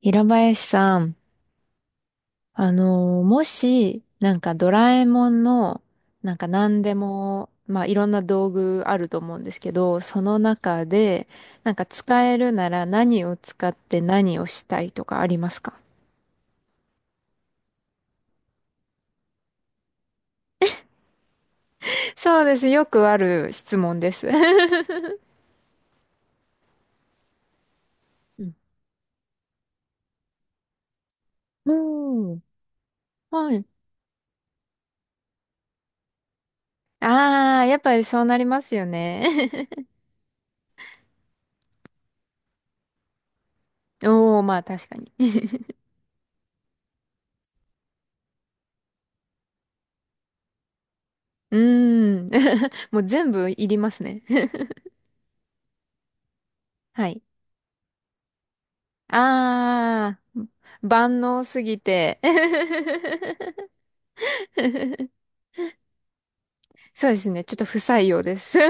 平林さん、もし、ドラえもんの、なんか何でも、まあいろんな道具あると思うんですけど、その中で、なんか使えるなら何を使って何をしたいとかありますか？ そうです。よくある質問です。うん。うん、はい。ああ、やっぱりそうなりますよね。おー、まあ確かに。うーん。もう全部いりますね。はい。ああ、万能すぎて。 そうですね。ちょっと不採用です。 う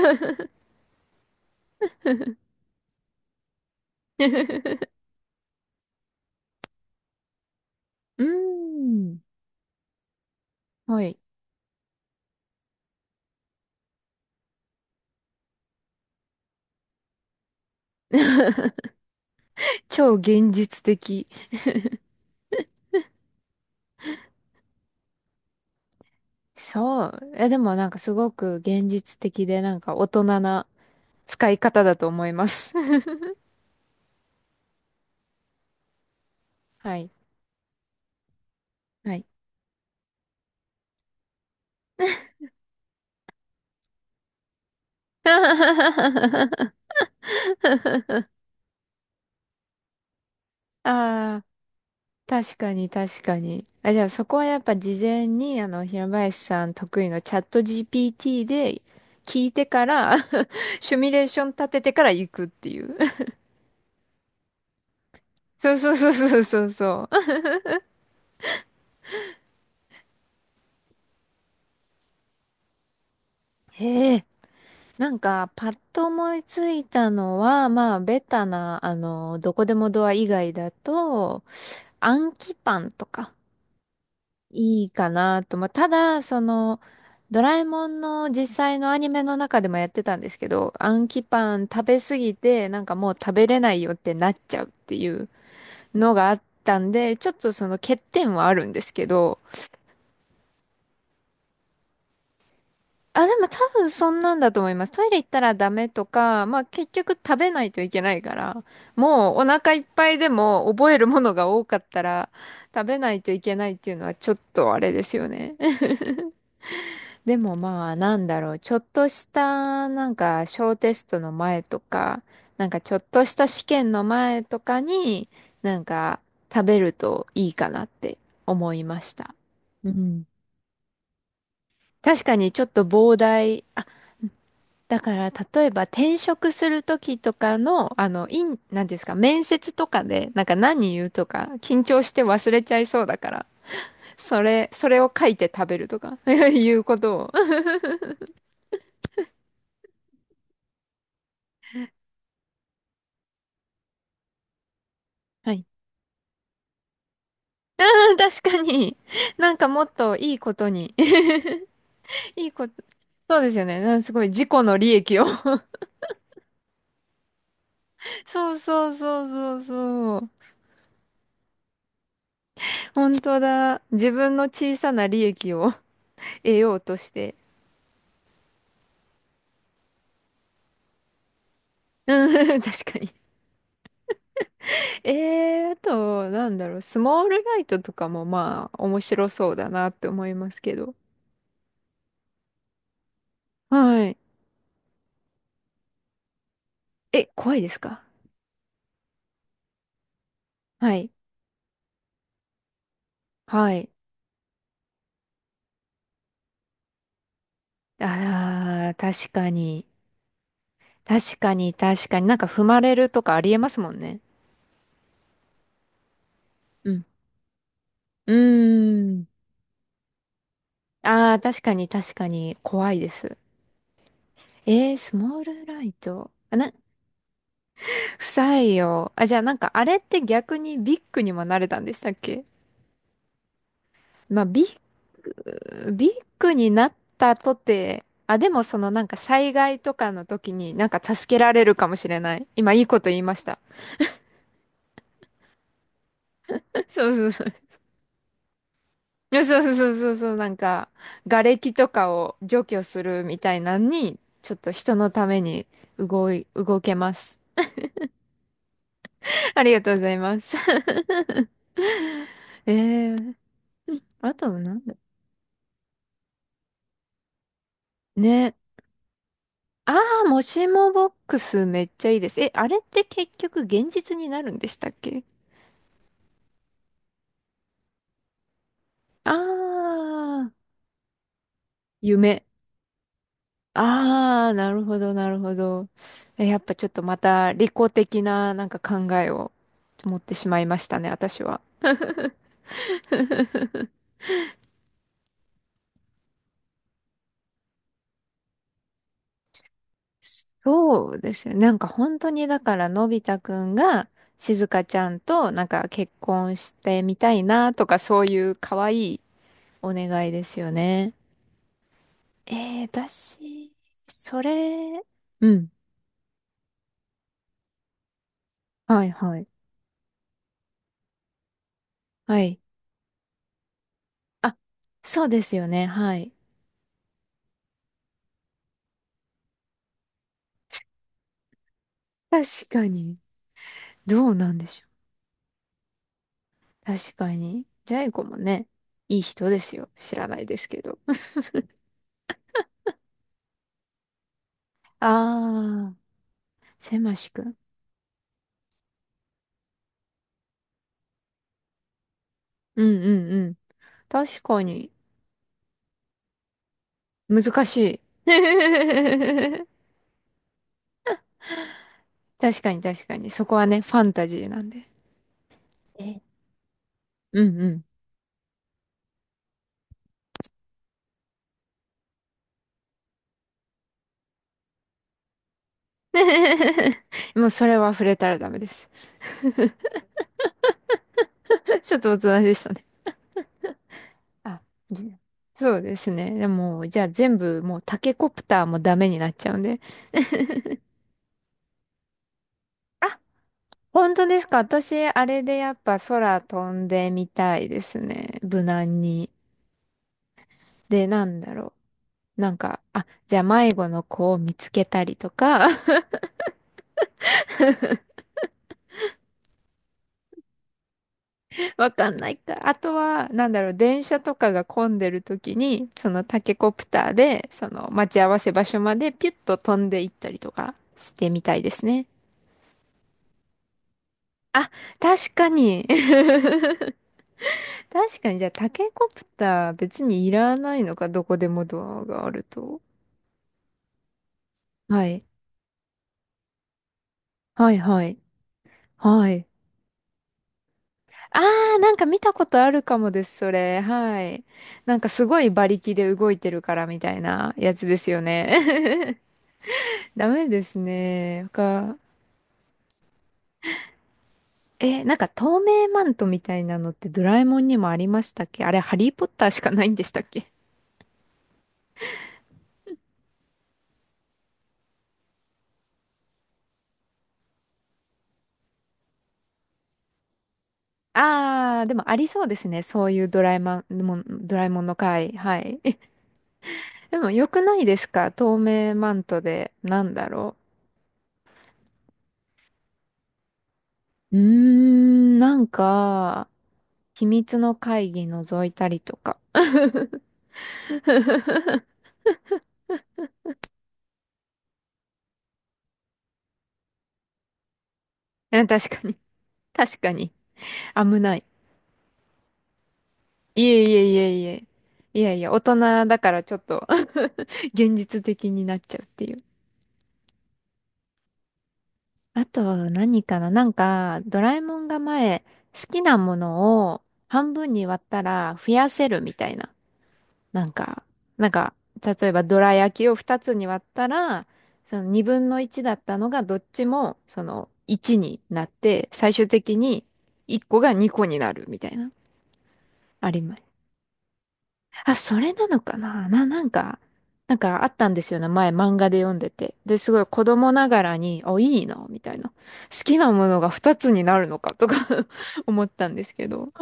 ーん。はい。超現実的。そう。え、でもなんかすごく現実的でなんか大人な使い方だと思います。はい。はい。ああ。確かに確かに。あ、じゃあそこはやっぱ事前に、あの、平林さん得意のチャット GPT で聞いてから、 シミュレーション立ててから行くっていう。そうそうそうそうそうそう。へえ。なんか、パッと思いついたのは、まあ、ベタな、あの、どこでもドア以外だと、暗記パンとか。いいかなと。まあ、ただ、その、ドラえもんの実際のアニメの中でもやってたんですけど、アンキパン食べすぎて、なんかもう食べれないよってなっちゃうっていうのがあったんで、ちょっとその欠点はあるんですけど、あ、でも多分そんなんだと思います。トイレ行ったらダメとか、まあ結局食べないといけないから、もうお腹いっぱいでも覚えるものが多かったら食べないといけないっていうのはちょっとあれですよね。でもまあなんだろう、ちょっとしたなんか小テストの前とか、なんかちょっとした試験の前とかになんか食べるといいかなって思いました。うん。確かにちょっと膨大、あ、だから例えば転職する時とかの、あの、イン、なんていうんですか、面接とかでなんか何言うとか緊張して忘れちゃいそうだから、それを書いて食べるとか、 いうことを。はい。 確かに、なんかもっといいことに。 いいこと、そうですよね。なんかすごい自己の利益を。 そうそうそうそうそう。本当だ。自分の小さな利益を 得ようとして。うん、確かに。えー、あと、なんだろう、スモールライトとかもまあ、面白そうだなって思いますけど。はい。え、怖いですか？はい。はい。ああ、確かに。確かに、確かに。なんか踏まれるとかありえますもんね。うん、うーん。ああ、確かに確かに怖いです。えー、スモールライト。あ、な、不採用。あ、じゃあなんかあれって逆にビッグにもなれたんでしたっけ？まあ、ビッグになったとて、あ、でもそのなんか災害とかの時になんか助けられるかもしれない。今いいこと言いました。そうそうそう。いやそうそうそうそうそう、なんか、瓦礫とかを除去するみたいなのに、ちょっと人のために動けます。ありがとうございます。えー、あとはなんだ。ね。ああ、もしもボックスめっちゃいいです。え、あれって結局現実になるんでしたっけ？ああー、夢。ああ、なるほど、なるほど。え、やっぱちょっとまた利己的ななんか考えを持ってしまいましたね、私は。そうですよ。なんか本当にだからのび太くんが静香ちゃんとなんか結婚してみたいなとかそういう可愛いお願いですよね。えー、私、それ、うん。はいはい。はい。あ、そうですよね。はい。確かに。どうなんでしょう。確かに。ジャイ子もね、いい人ですよ。知らないですけど。あー、せましくん。うんうんうん。確かに。難しい。確かに確かに。そこはね、ファンタジーなんで。え、うんうん。もうそれは触れたらダメです。ちょっと大人でしたね。あ、じ、そうですね。でも、じゃあ全部もうタケコプターもダメになっちゃうんで。あ、本当ですか。私、あれでやっぱ空飛んでみたいですね。無難に。で、なんだろう。なんか、あ、じゃあ迷子の子を見つけたりとか。わかんないか。あとは、なんだろう、電車とかが混んでる時に、そのタケコプターで、その待ち合わせ場所までピュッと飛んでいったりとかしてみたいですね。あ、確かに。確かに、じゃあタケコプター別にいらないのか、どこでもドアがあると。はい。はいはい。はい。あー、なんか見たことあるかもです、それ。はい。なんかすごい馬力で動いてるからみたいなやつですよね。ダメですね。他、え、なんか透明マントみたいなのってドラえもんにもありましたっけ？あれ、ハリーポッターしかないんでしたっけ？あー、でもありそうですね。そういうドラえもんの回。はい。え、でも良くないですか透明マントで。なんだろう。うーん、なんか、秘密の会議覗いたりとか。うん確かに。確かに。危ない。いえいえいえいえ。いやいや、大人だからちょっと 現実的になっちゃうっていう。あと何かな、なんか、ドラえもんが前、好きなものを半分に割ったら増やせるみたいな。なんか、なんか、例えばドラ焼きを2つに割ったら、その2分の1だったのがどっちもその1になって、最終的に1個が2個になるみたいな。あります、あ、それなのかな、な、なんか、なんかあったんですよね。前漫画で読んでて。で、すごい子供ながらに、あ、いいな、みたいな。好きなものが二つになるのか、とか、 思ったんですけど。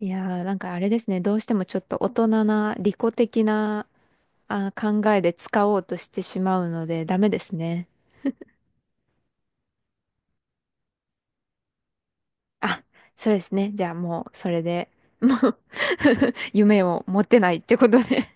いやー、なんかあれですね。どうしてもちょっと大人な、利己的な、あ、考えで使おうとしてしまうので、ダメですね。あ、そうですね。じゃあもう、それで、もう 夢を持てないってことで